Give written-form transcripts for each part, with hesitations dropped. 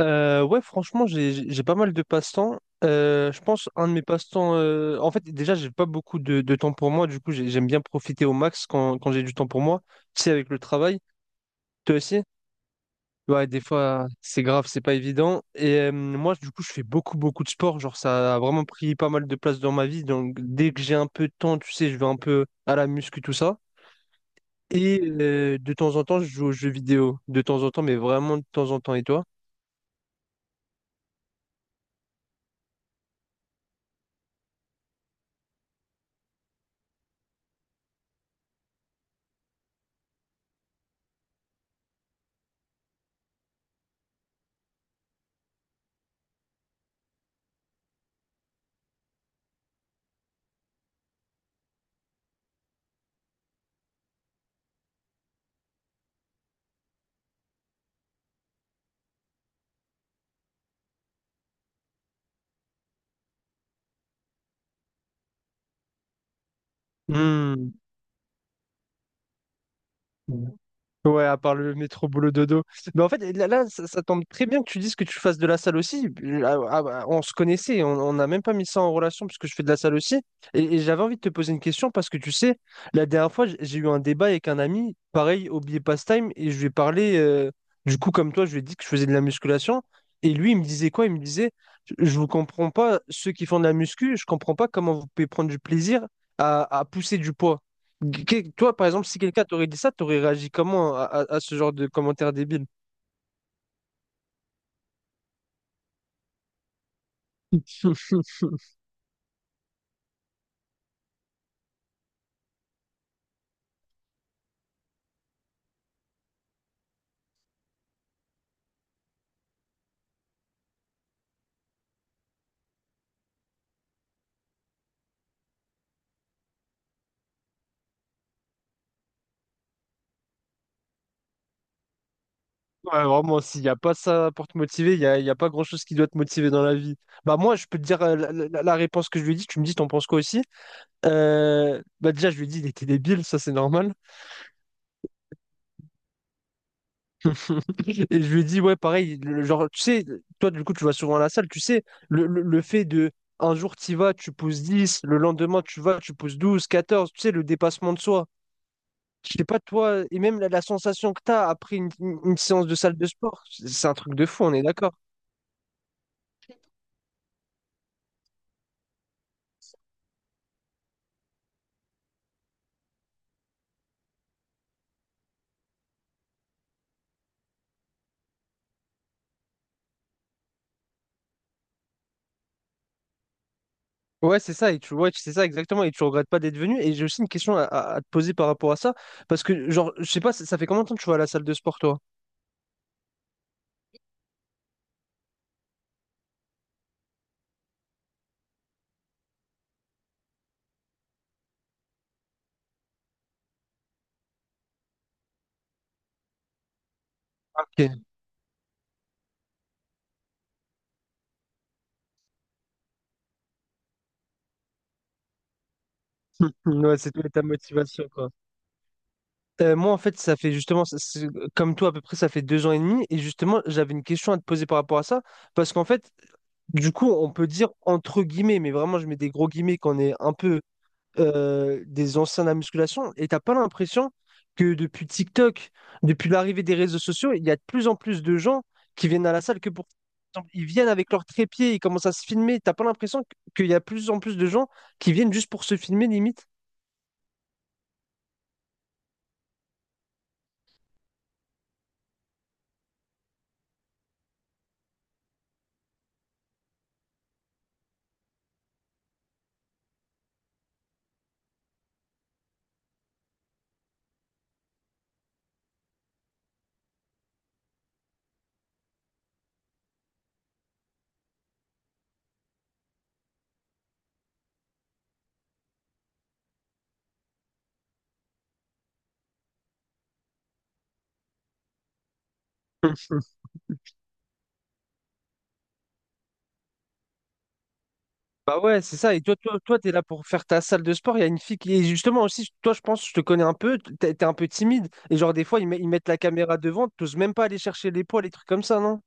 Ouais, franchement, j'ai pas mal de passe-temps. Je pense un de mes passe-temps. En fait, déjà, j'ai pas beaucoup de temps pour moi. Du coup, j'aime bien profiter au max quand j'ai du temps pour moi. Tu sais, avec le travail, toi aussi. Ouais, des fois, c'est grave, c'est pas évident. Et moi, du coup, je fais beaucoup de sport. Genre, ça a vraiment pris pas mal de place dans ma vie. Donc, dès que j'ai un peu de temps, tu sais, je vais un peu à la muscu, tout ça. Et de temps en temps, je joue aux jeux vidéo. De temps en temps, mais vraiment de temps en temps. Et toi? Hmm. Ouais, à part le métro boulot dodo. Mais en fait, là, ça tombe très bien que tu dises que tu fasses de la salle aussi. Ah, ah, bah, on se connaissait, on n'a même pas mis ça en relation puisque je fais de la salle aussi. Et j'avais envie de te poser une question parce que tu sais, la dernière fois, j'ai eu un débat avec un ami, pareil, au billet pastime, et je lui ai parlé, du coup, comme toi, je lui ai dit que je faisais de la musculation. Et lui, il me disait quoi? Il me disait, je vous comprends pas, ceux qui font de la muscu, je comprends pas comment vous pouvez prendre du plaisir à pousser du poids. Toi, par exemple, si quelqu'un t'aurait dit ça, t'aurais réagi comment à ce genre de commentaire débile? Ouais, vraiment, s'il n'y a pas ça pour te motiver, il y a pas grand-chose qui doit te motiver dans la vie. Bah moi, je peux te dire la réponse que je lui ai dit, tu me dis, t'en penses quoi aussi? Bah déjà, je lui ai dit, il était débile, ça c'est normal. Et je lui ai dit, ouais, pareil, le genre, tu sais, toi, du coup, tu vas souvent à la salle, tu sais, le fait de, un jour, tu vas, tu pousses 10, le lendemain, tu vas, tu pousses 12, 14. Tu sais, le dépassement de soi. Je sais pas toi, et même la, la sensation que tu as après une séance de salle de sport, c'est un truc de fou, on est d'accord. Ouais, c'est ça, et c'est ça exactement, et tu regrettes pas d'être venu. Et j'ai aussi une question à te poser par rapport à ça, parce que genre, je sais pas, ça fait combien de temps que tu vas à la salle de sport, toi? Ok. Ouais, c'était ta motivation, quoi. Moi, en fait, ça fait justement, ça- c'est- comme toi, à peu près, ça fait deux ans et demi. Et justement, j'avais une question à te poser par rapport à ça. Parce qu'en fait, du coup, on peut dire entre guillemets, mais vraiment, je mets des gros guillemets qu'on est un peu des anciens de la musculation et t'as pas l'impression que depuis TikTok, depuis l'arrivée des réseaux sociaux, il y a de plus en plus de gens qui viennent à la salle que pour... Ils viennent avec leur trépied, ils commencent à se filmer. T'as pas l'impression qu'il y a de plus en plus de gens qui viennent juste pour se filmer, limite? Bah ouais, c'est ça. Et toi, t'es là pour faire ta salle de sport. Il y a une fille qui est justement aussi. Toi, je pense, je te connais un peu. T'es un peu timide. Et genre, des fois, ils mettent la caméra devant. T'oses même pas aller chercher les poids, les trucs comme ça, non?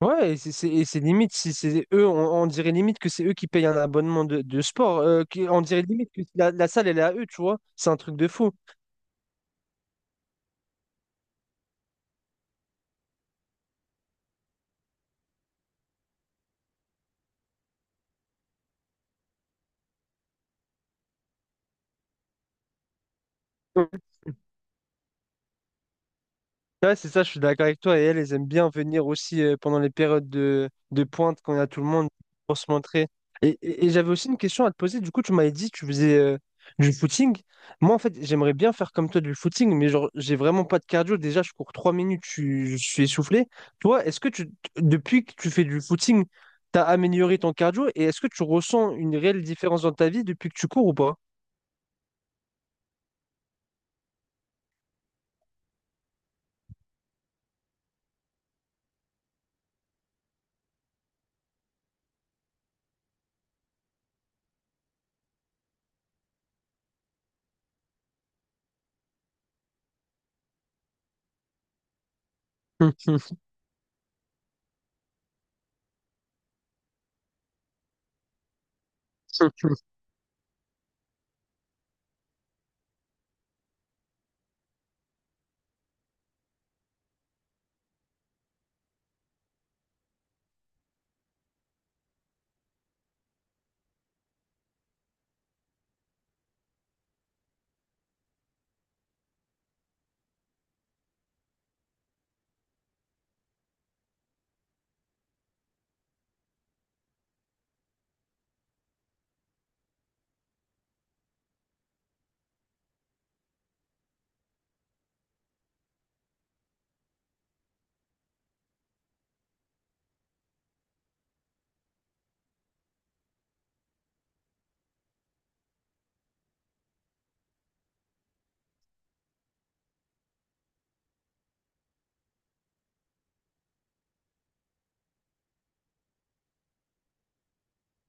Ouais, et c'est limite. Si c'est eux, on dirait limite que c'est eux qui payent un abonnement de sport. On dirait limite que la salle, elle est à eux, tu vois. C'est un truc de fou. Ouais, c'est ça, je suis d'accord avec toi. Et elles, elles aiment bien venir aussi pendant les périodes de pointe, quand il y a tout le monde, pour se montrer. Et j'avais aussi une question à te poser. Du coup, tu m'avais dit que tu faisais du footing. Moi, en fait, j'aimerais bien faire comme toi du footing, mais genre, j'ai vraiment pas de cardio. Déjà, je cours trois minutes, je suis essoufflé. Toi, est-ce que tu, depuis que tu fais du footing, tu as amélioré ton cardio et est-ce que tu ressens une réelle différence dans ta vie depuis que tu cours ou pas?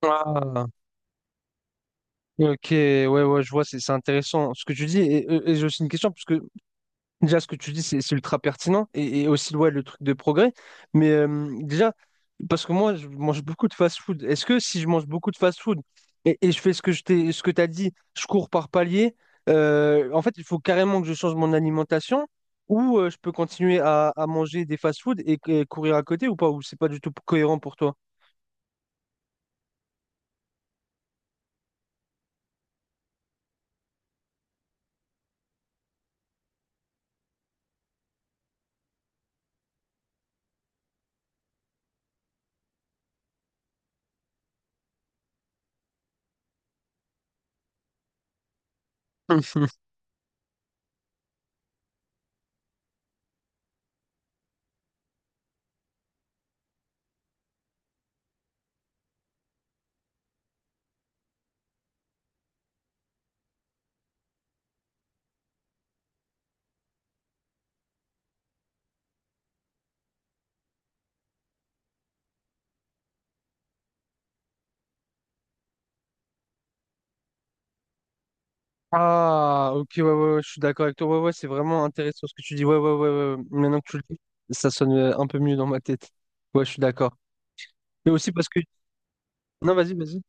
Ah, ok, ouais, ouais, je vois, c'est intéressant ce que tu dis. Et, j'ai aussi une question, parce que déjà, ce que tu dis, c'est ultra pertinent et aussi ouais, le truc de progrès. Mais parce que moi, je mange beaucoup de fast-food. Est-ce que si je mange beaucoup de fast-food et je fais ce que ce que tu as dit, je cours par palier, en fait, il faut carrément que je change mon alimentation ou je peux continuer à manger des fast-food et courir à côté ou pas, ou c'est pas du tout cohérent pour toi? Mhm. Ah, ok, ouais, ouais, ouais, je suis d'accord avec toi. Ouais, ouais, c'est vraiment intéressant ce que tu dis. Ouais, ouais, ouais, ouais, ouais. Maintenant que tu le dis, ça sonne un peu mieux dans ma tête. Ouais, je suis d'accord. Mais aussi parce que... Non, vas-y, vas-y.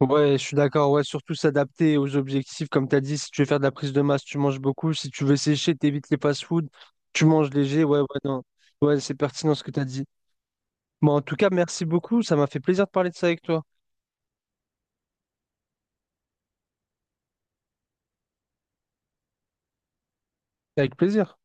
Ouais, je suis d'accord. Ouais, surtout s'adapter aux objectifs. Comme tu as dit, si tu veux faire de la prise de masse, tu manges beaucoup. Si tu veux sécher, t'évites les fast-food. Tu manges léger. Ouais, ouais, non. Ouais, c'est pertinent ce que tu as dit. Bon, en tout cas, merci beaucoup. Ça m'a fait plaisir de parler de ça avec toi. Avec plaisir.